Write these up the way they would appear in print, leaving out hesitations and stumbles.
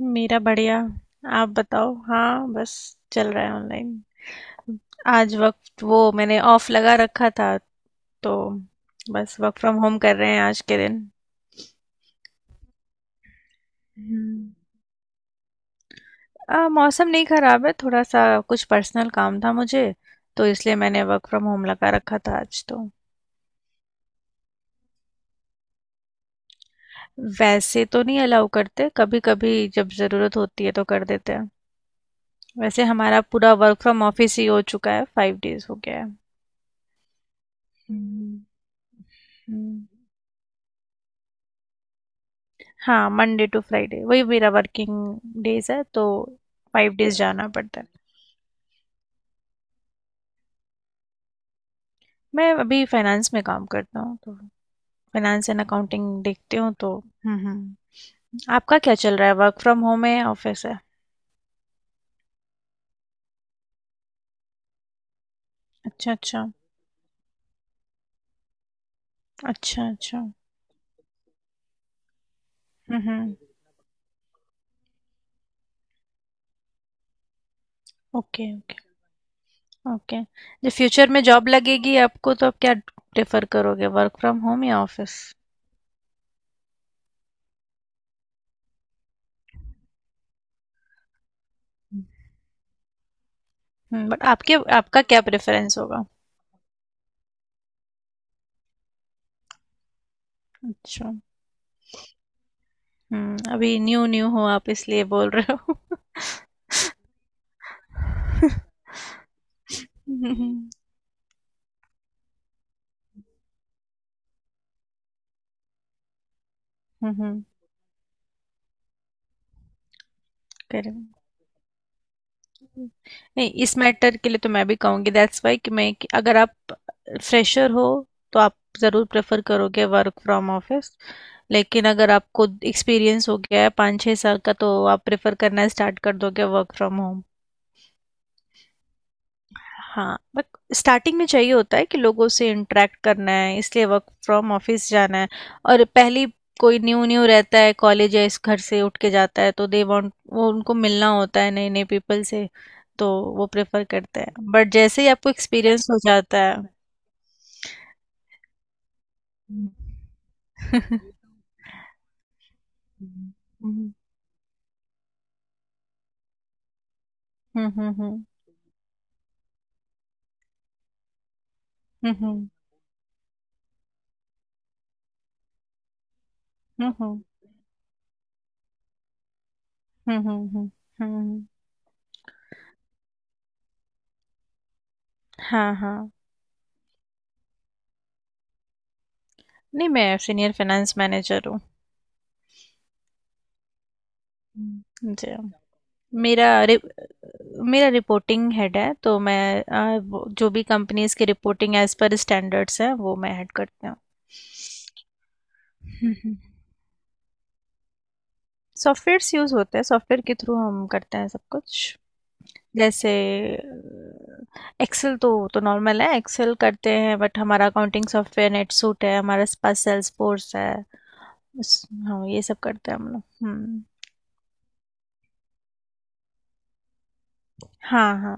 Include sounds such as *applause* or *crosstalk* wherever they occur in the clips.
मेरा बढ़िया। आप बताओ। हाँ बस चल रहा है ऑनलाइन। आज वक्त वो मैंने ऑफ लगा रखा था तो बस वर्क फ्रॉम होम कर रहे हैं आज के दिन। हम्म। मौसम नहीं खराब है थोड़ा सा। कुछ पर्सनल काम था मुझे तो इसलिए मैंने वर्क फ्रॉम होम लगा रखा था आज तो। वैसे तो नहीं अलाउ करते, कभी कभी जब ज़रूरत होती है तो कर देते हैं। वैसे हमारा पूरा वर्क फ्रॉम ऑफिस ही हो चुका है, फाइव डेज हो गया है। हम्म हम्म। हाँ मंडे टू फ्राइडे वही मेरा वर्किंग डेज है तो फाइव डेज जाना पड़ता है। मैं अभी फाइनेंस में काम करता हूँ, तो फाइनेंस एंड अकाउंटिंग देखती हूँ तो। हम्म। आपका क्या चल रहा है? वर्क फ्रॉम होम है, ऑफिस है? अच्छा अच्छा। अच्छा अच्छा। हम्म। Okay okay. ओके। जब फ्यूचर में जॉब लगेगी आपको तो आप क्या प्रेफर करोगे, वर्क फ्रॉम होम या ऑफिस? बट आपके, आपका क्या प्रेफरेंस होगा? अच्छा। अभी न्यू न्यू हो आप इसलिए बोल रहे हो? *laughs* हुँ, हुँ, हुँ, हुँ, करेक्ट। नहीं इस मैटर के लिए तो मैं भी कहूँगी दैट्स वाई कि मैं कि अगर आप फ्रेशर हो तो आप ज़रूर प्रेफर करोगे वर्क फ्रॉम ऑफिस। लेकिन अगर आपको एक्सपीरियंस हो गया है पाँच छः साल का तो आप प्रेफर करना स्टार्ट कर दोगे वर्क फ्रॉम होम। हाँ बट स्टार्टिंग में चाहिए होता है कि लोगों से इंटरेक्ट करना है, इसलिए वर्क फ्रॉम ऑफिस जाना है। और पहली कोई न्यू न्यू रहता है कॉलेज या इस घर से उठ के जाता है तो दे वांट, वो उनको मिलना होता है नए नए पीपल से, तो वो प्रेफर करते हैं। बट जैसे ही आपको एक्सपीरियंस हो जाता है। हम्म हम्म हम्म हम्म हम्म हम्म हम्म हम्म हम्म, हम्म, हम्म, हाँ हाँ। नहीं मैं सीनियर फाइनेंस मैनेजर हूँ। जी हाँ। मेरा, मेरा रिपोर्टिंग हेड है तो मैं जो भी कंपनीज की रिपोर्टिंग एज पर स्टैंडर्ड्स है वो मैं हेड करती हूँ। हम्म। सॉफ्टवेयर्स यूज होते हैं, सॉफ्टवेयर के थ्रू हम करते हैं सब कुछ। जैसे एक्सेल तो नॉर्मल है, एक्सेल करते हैं, बट हमारा अकाउंटिंग सॉफ्टवेयर नेटसूट है, हमारे पास सेल्सफोर्स है। बस, हाँ ये सब करते हैं हम लोग। हाँ हाँ।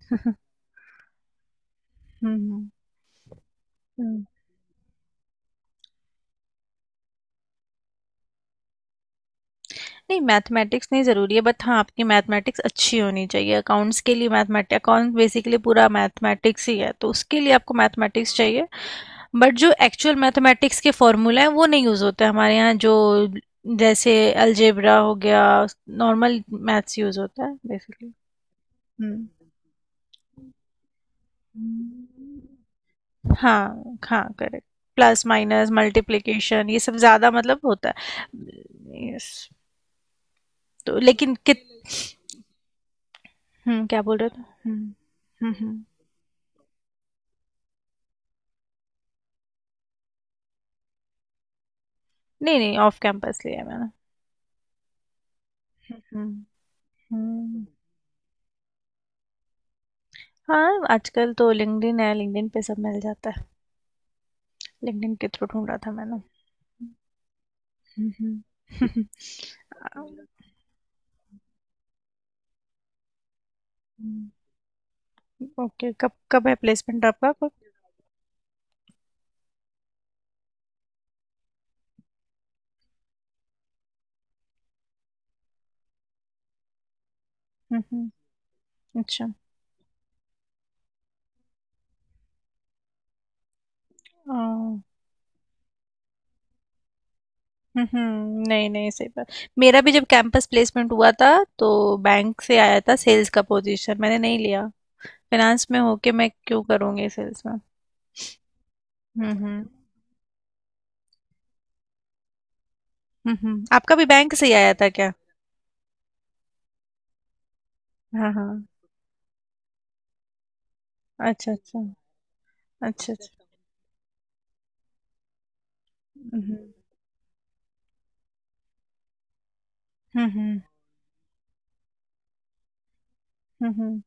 *laughs* हम्म हम्म हम्म। नहीं मैथमेटिक्स नहीं ज़रूरी है बट हाँ, आपकी मैथमेटिक्स अच्छी होनी चाहिए। अकाउंट्स के लिए मैथमेट अकाउंट बेसिकली पूरा मैथमेटिक्स ही है, तो उसके लिए आपको मैथमेटिक्स चाहिए। बट जो एक्चुअल मैथमेटिक्स के फॉर्मूला हैं वो नहीं यूज़ होते हमारे यहाँ। जो जैसे अलजेब्रा हो गया, नॉर्मल मैथ्स यूज़ होता है बेसिकली। हम्म हाँ हाँ करेक्ट। प्लस माइनस मल्टीप्लिकेशन ये सब ज़्यादा मतलब होता है, यस। तो लेकिन कित क्या बोल रहे थे। हम्म हम्म। नहीं नहीं ऑफ कैंपस लिया है मैंने। हम्म हम्म। हाँ आजकल तो लिंक्डइन है, लिंक्डइन पे सब मिल जाता है। लिंक्डइन के थ्रू ढूंढा था मैंने। हम्म हम्म। *laughs* ओके कब कब है प्लेसमेंट आपका, कब? हम्म अच्छा अ, नहीं नहीं सही बात। मेरा भी जब कैंपस प्लेसमेंट हुआ था तो बैंक से आया था सेल्स का पोजीशन, मैंने नहीं लिया। फाइनेंस में होके मैं क्यों करूँगी सेल्स में? हम्म हम्म हम्म। आपका भी बैंक से ही आया था क्या? हाँ हाँ। अच्छा, अच्छा। अच्छा, अच्छा। हुँ, हुँ। हुँ, हुँ। हुँ, हुँ।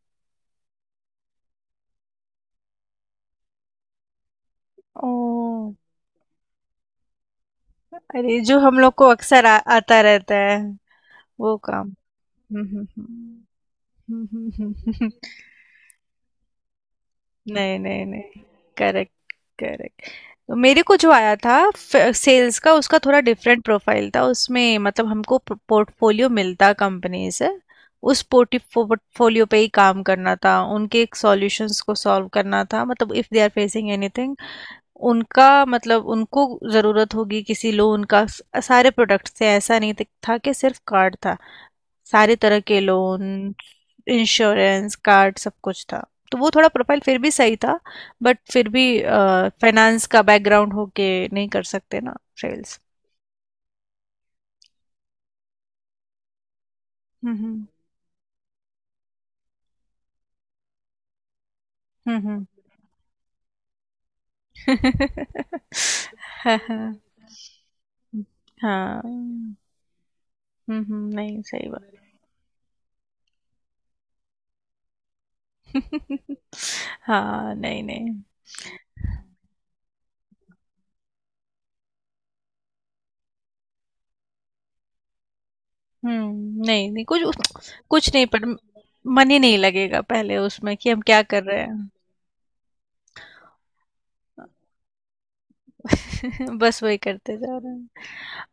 ओह! अरे, जो हम लोग को अक्सर आ आता रहता है, वो काम। हुँ, हुँ, हुँ। हुँ, हुँ, हुँ। नहीं, नहीं, नहीं। Correct, correct. तो मेरे को जो आया था फ सेल्स का, उसका थोड़ा डिफरेंट प्रोफाइल था। उसमें मतलब हमको प पोर्टफोलियो मिलता कंपनी से। उस पोर्टि पोर्टफोलियो पे ही काम करना था। उनके सॉल्यूशंस को सॉल्व करना था। मतलब if they are facing anything, उनका मतलब उनको ज़रूरत होगी किसी लोन का, स सारे प्रोडक्ट्स थे, ऐसा नहीं त था कि सिर्फ़ कार्ड था। सारे तरह के लोन, इंश्योरेंस, कार्ड सब कुछ था। तो वो थोड़ा प्रोफ़ाइल फिर भी सही था, बट फिर भी फाइनेंस का बैकग्राउंड होके नहीं कर सकते ना सेल्स। हुँ, हुँ। हुँ, हुँ। *laughs* हाँ, हाँ। हुँ, हाँ। हुँ, हुँ, नहीं सही बात। *laughs* हाँ, नहीं, नहीं। नहीं नहीं कुछ कुछ नहीं पर, मन ही नहीं लगेगा पहले उसमें कि हम क्या कर रहे हैं। *laughs* बस वही करते जा रहे हैं।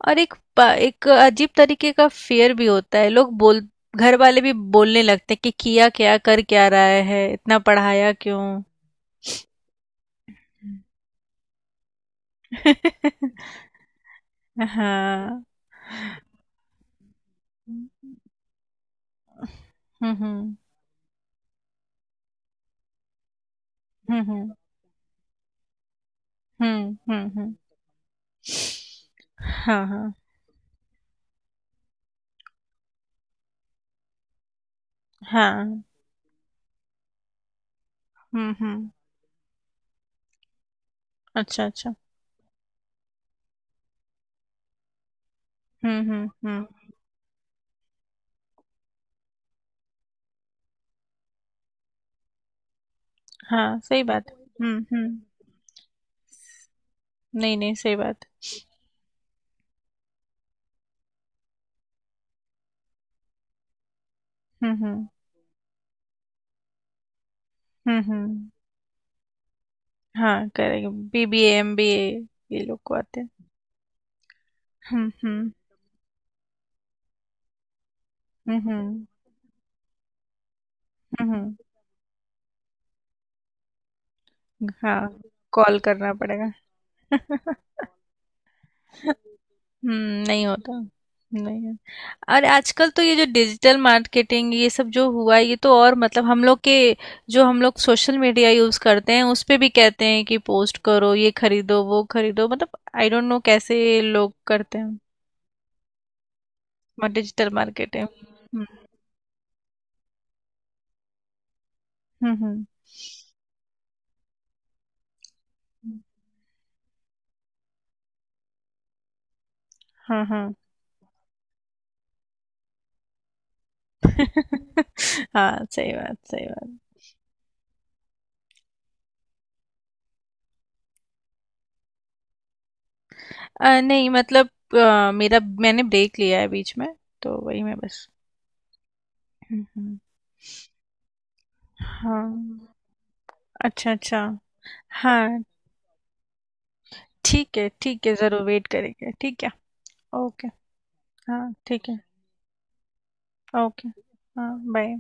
और एक एक अजीब तरीके का फेयर भी होता है, लोग बोल घर वाले भी बोलने लगते हैं कि किया क्या, कर क्या रहा है, इतना पढ़ाया क्यों। *laughs* हाँ हम्म हम्म हम्म हम्म हम्म हम्म हम्म। हाँ हाँ हाँ हम्म। अच्छा अच्छा। हम्म। हाँ सही बात है। हम्म। नहीं, नहीं, सही बात है। हुँ, हुँ। हुँ, हुँ। हाँ, करेक्ट। बीबीए, एमबीए ये लोग को आते हैं। हुँ, हुँ। हुँ, हुँ। हुँ, हुँ। हाँ, कॉल करना पड़ेगा। *laughs* हुँ, नहीं होता। नहीं। और आजकल तो ये जो डिजिटल मार्केटिंग ये सब जो हुआ है ये तो, और मतलब हम लोग के, जो हम लोग सोशल मीडिया यूज़ करते हैं उस पे भी कहते हैं कि पोस्ट करो, ये खरीदो, वो खरीदो, मतलब आई डोंट नो कैसे लोग करते हैं डिजिटल मार्केटिंग। हुँ, हुँ। हाँ, हाँ। *laughs* हाँ, सही बात, सही बात। नहीं मतलब मेरा, मैंने ब्रेक लिया है बीच में, तो वही मैं बस। हुँ, हुँ। हाँ। अच्छा, अच्छा। हाँ, ठीक है, ज़रूर वेट करेंगे। ठीक है, ओके। हाँ, ठीक है, ओके। हाँ, बाय।